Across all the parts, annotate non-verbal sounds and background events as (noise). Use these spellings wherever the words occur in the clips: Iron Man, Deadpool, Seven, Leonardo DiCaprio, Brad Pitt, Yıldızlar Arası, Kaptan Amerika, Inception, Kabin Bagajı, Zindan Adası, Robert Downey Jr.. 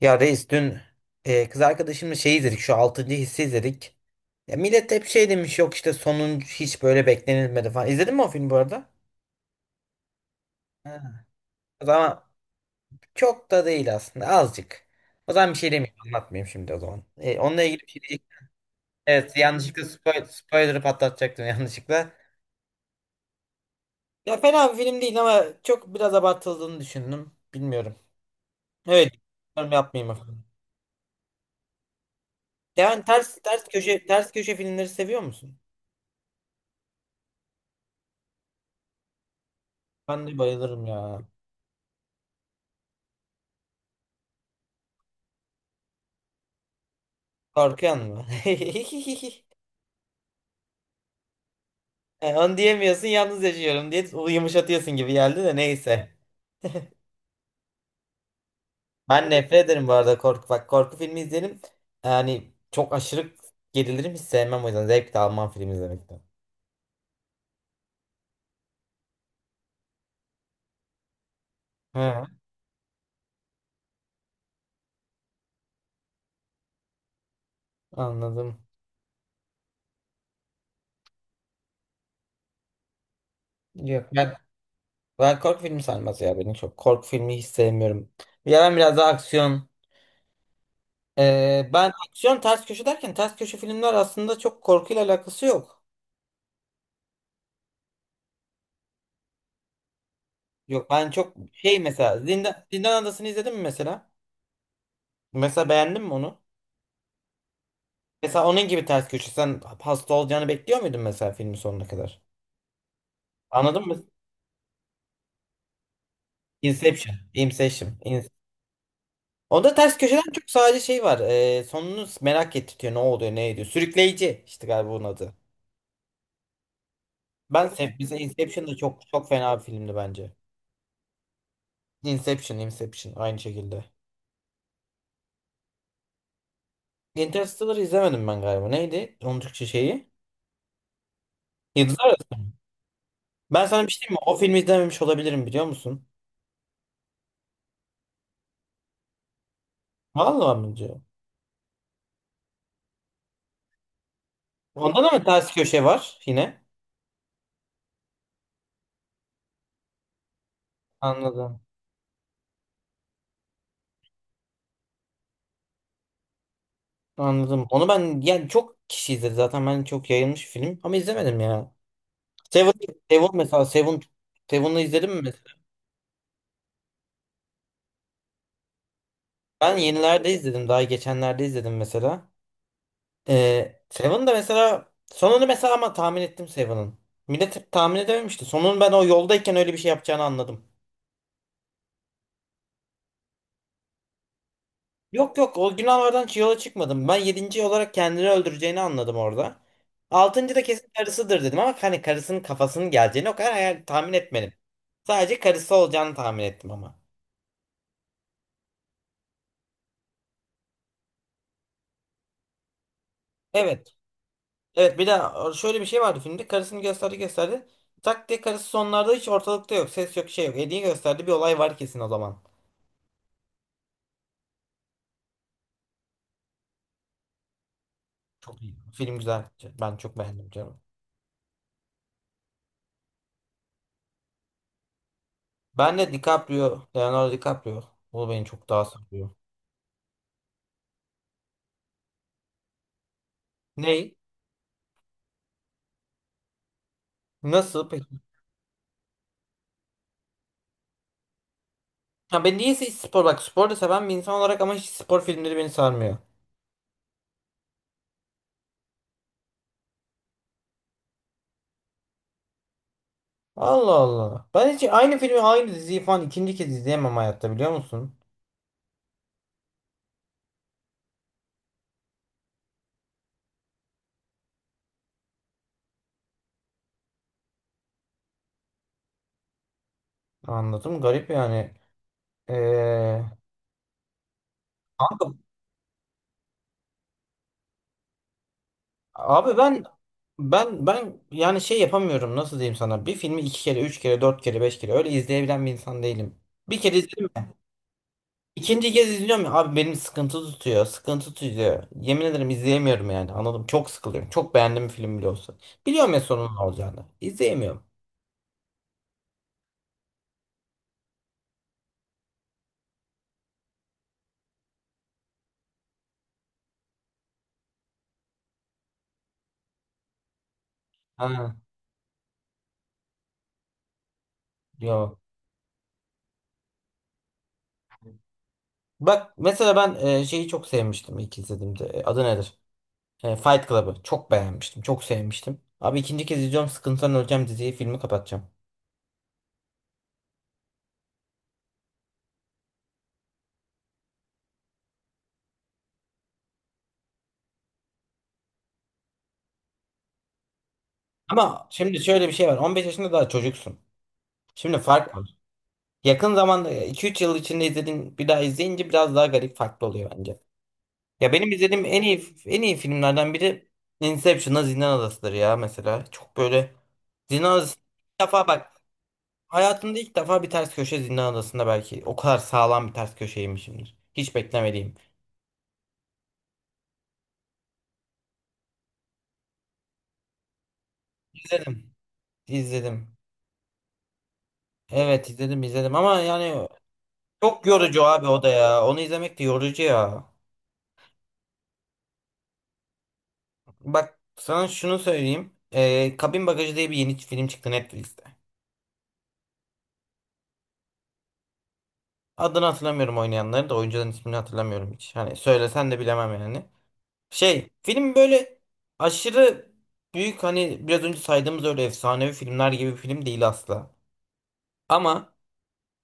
Ya reis dün kız arkadaşımla şey izledik şu altıncı hissi izledik. Ya millet hep şey demiş yok işte sonuncu hiç böyle beklenilmedi falan. İzledin mi o filmi bu arada? Ha, o zaman çok da değil aslında azıcık. O zaman bir şey demeyeyim anlatmayayım şimdi o zaman. Onunla ilgili bir şey diyecek. Evet, yanlışlıkla spoiler'ı patlatacaktım (laughs) yanlışlıkla. Ya fena bir film değil ama çok biraz abartıldığını düşündüm. Bilmiyorum. Evet. Yorum yapmayayım efendim. Yani ters köşe filmleri seviyor musun? Ben de bayılırım ya. Korkuyor mu? (laughs) Onu diyemiyorsun yalnız yaşıyorum diye o yumuşatıyorsun gibi geldi de neyse. Ben nefret ederim bu arada korku. Bak korku filmi izlerim. Yani çok aşırı gerilirim, hiç sevmem, o yüzden zevk de almam film izlemekten. Hı, anladım. Yok, ben korku filmi sarmaz ya beni çok. Korku filmi hiç sevmiyorum. Ya ben biraz daha aksiyon. Ben aksiyon ters köşe derken ters köşe filmler aslında çok korkuyla alakası yok. Yok, ben çok şey mesela Zindan Adası'nı izledin mi mesela? Mesela beğendin mi onu? Mesela onun gibi ters köşe. Sen hasta olacağını bekliyor muydun mesela filmin sonuna kadar? Anladın mı? Inception. Inception. Onda ters köşeden çok sadece şey var. Sonunu merak ettiriyor. Ne oluyor, ne ediyor. Sürükleyici işte galiba onun adı. Ben mesela Inception da çok çok fena bir filmdi bence. Inception aynı şekilde. Interstellar'ı izlemedim ben galiba. Neydi? Onun Türkçe şeyi. Yıldızlar Arası. Ben sana bir şey diyeyim mi? O filmi izlememiş olabilirim biliyor musun? Vallahi mi diyor? Onda da mı ters köşe var yine? Anladım. Anladım. Onu ben yani çok kişi izledi zaten. Ben çok yayılmış bir film ama izlemedim ya. Seven, Seven mesela Seven Seven'ı izledim mi mesela? Ben yenilerde izledim. Daha geçenlerde izledim mesela. Seven de mesela sonunu mesela ama tahmin ettim Seven'ın. Millet tahmin edememişti. Sonunu ben o yoldayken öyle bir şey yapacağını anladım. Yok yok, o günahlardan yola çıkmadım. Ben yedinci olarak kendini öldüreceğini anladım orada. Altıncı da kesin karısıdır dedim ama hani karısının kafasının geleceğini o kadar tahmin etmedim. Sadece karısı olacağını tahmin ettim ama. Evet. Evet, bir de şöyle bir şey vardı filmde. Karısını gösterdi gösterdi. Tak diye karısı sonlarda hiç ortalıkta yok. Ses yok, şey yok. Hediye gösterdi, bir olay var kesin o zaman. Çok iyi. Film güzel. Ben çok beğendim canım. Ben de Leonardo DiCaprio. O beni çok daha sarıyor. Ney? Nasıl Ya ben niyeyse hiç spor, bak, spor da seven bir insan olarak ama hiç spor filmleri beni sarmıyor. Allah Allah. Ben hiç aynı filmi aynı diziyi falan ikinci kez izleyemem hayatta biliyor musun? Anladım, garip yani. Ee, kanka, abi ben yani şey yapamıyorum, nasıl diyeyim sana, bir filmi iki kere üç kere dört kere beş kere öyle izleyebilen bir insan değilim. Bir kere izledim. İkinci kez izliyorum ya abi, benim sıkıntı tutuyor. Sıkıntı tutuyor. Yemin ederim izleyemiyorum yani, anladım. Çok sıkılıyorum. Çok beğendiğim film bile olsa. Biliyorum ya sonunun ne olacağını. İzleyemiyorum. Ha, yok. Bak mesela ben şeyi çok sevmiştim ilk izlediğimde. Adı nedir? Fight Club'ı. Çok beğenmiştim. Çok sevmiştim. Abi ikinci kez izliyorum. Sıkıntıdan öleceğim, diziyi filmi kapatacağım. Ama şimdi şöyle bir şey var. 15 yaşında daha çocuksun. Şimdi fark var. Yakın zamanda 2-3 yıl içinde izlediğin, bir daha izleyince biraz daha garip farklı oluyor bence. Ya benim izlediğim en iyi en iyi filmlerden biri Inception'la Zindan Adası'dır ya mesela. Çok böyle Zindan Adası ilk defa bak hayatımda ilk defa bir ters köşe, Zindan Adası'nda belki o kadar sağlam bir ters köşeymişimdir. Hiç beklemediğim. İzledim. İzledim. Evet izledim izledim ama yani çok yorucu abi o da ya. Onu izlemek de yorucu ya. Bak sana şunu söyleyeyim. Kabin Bagajı diye bir yeni film çıktı Netflix'te. Adını hatırlamıyorum, oynayanları da oyuncuların ismini hatırlamıyorum hiç. Hani söylesen de bilemem yani. Film böyle aşırı büyük, hani biraz önce saydığımız öyle efsanevi filmler gibi bir film değil asla. Ama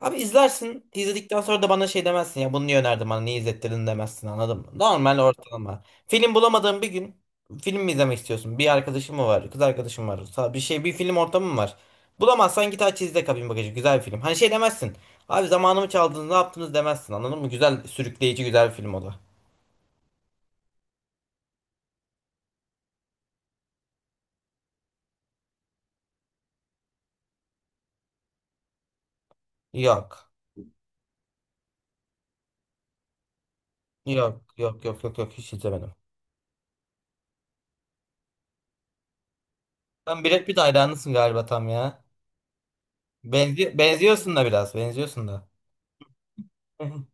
abi izlersin, izledikten sonra da bana şey demezsin ya, bunu niye önerdin bana, niye izlettirdin demezsin, anladın mı? Normal, ortalama. Film bulamadığın bir gün film mi izlemek istiyorsun? Bir arkadaşın mı var, kız arkadaşın var, bir şey bir film ortamı mı var? Bulamazsan git aç izle, Kabin Bagajı güzel bir film. Hani şey demezsin. Abi zamanımı çaldınız ne yaptınız demezsin anladın mı? Güzel sürükleyici güzel bir film o da. Yok. Yok yok yok yok yok, hiç izlemedim. Sen Brad Pitt hayranısın galiba tam ya. Benziyorsun da biraz. Benziyorsun da. Hı hı.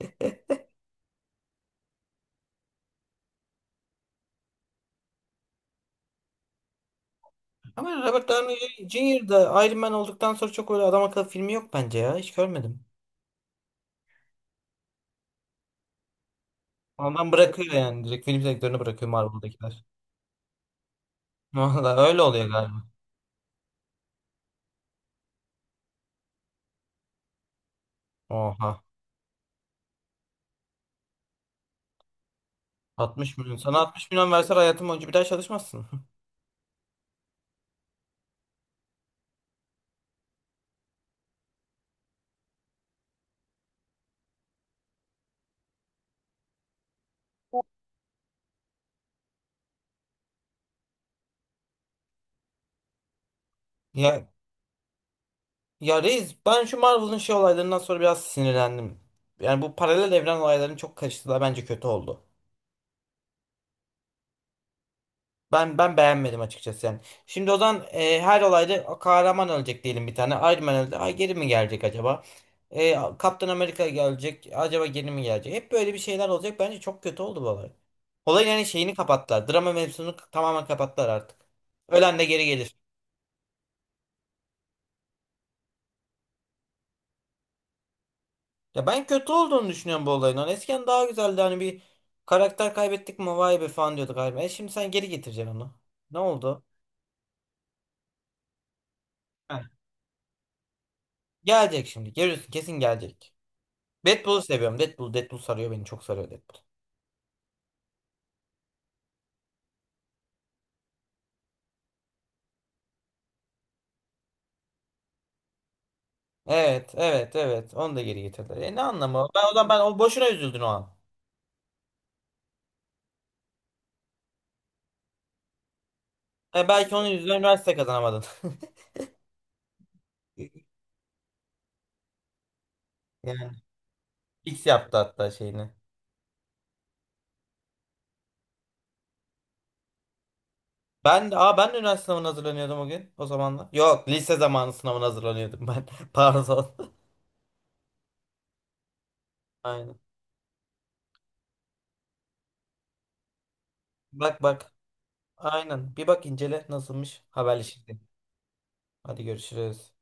Ama Robert Downey Jr. da Iron Man olduktan sonra çok öyle adam akıllı filmi yok bence ya. Hiç görmedim. Ondan bırakıyor yani. Direkt film sektörünü bırakıyor Marvel'dakiler. (laughs) Valla öyle oluyor galiba. Oha. 60 milyon. Sana 60 milyon verseler hayatım boyunca bir daha çalışmazsın. (laughs) Ya, ya reis ben şu Marvel'ın şey olaylarından sonra biraz sinirlendim. Yani bu paralel evren olaylarını çok karıştırdılar. Bence kötü oldu. Ben beğenmedim açıkçası yani. Şimdi o zaman her olayda kahraman ölecek diyelim bir tane. Iron Man öldü. Ay, geri mi gelecek acaba? E, Kaptan Amerika gelecek. Acaba geri mi gelecek? Hep böyle bir şeyler olacak. Bence çok kötü oldu bu olay. Olayın yani şeyini kapattılar. Drama mevzusunu tamamen kapattılar artık. Ölen de geri gelir. Ya ben kötü olduğunu düşünüyorum bu olayın. Hani eskiden daha güzeldi. Hani bir karakter kaybettik mi vay be falan diyorduk. Iron Man. Şimdi sen geri getireceksin onu. Ne oldu? Heh. Gelecek şimdi. Görüyorsun kesin gelecek. Deadpool'u seviyorum. Deadpool sarıyor beni. Çok sarıyor Deadpool. Evet, evet, evet. Onu da geri getirdiler. Ne anlamı var? Ben o zaman, ben o boşuna üzüldün o an. Belki onun yüzünden üniversite kazanamadın. (laughs) Yani X yaptı hatta şeyini. Ben de üniversite sınavına hazırlanıyordum o gün o zamanlar. Yok, lise zamanı sınavına hazırlanıyordum ben. (laughs) Pardon. Aynen. Bak bak. Aynen. Bir bak incele nasılmış. Haberleşelim. Hadi görüşürüz.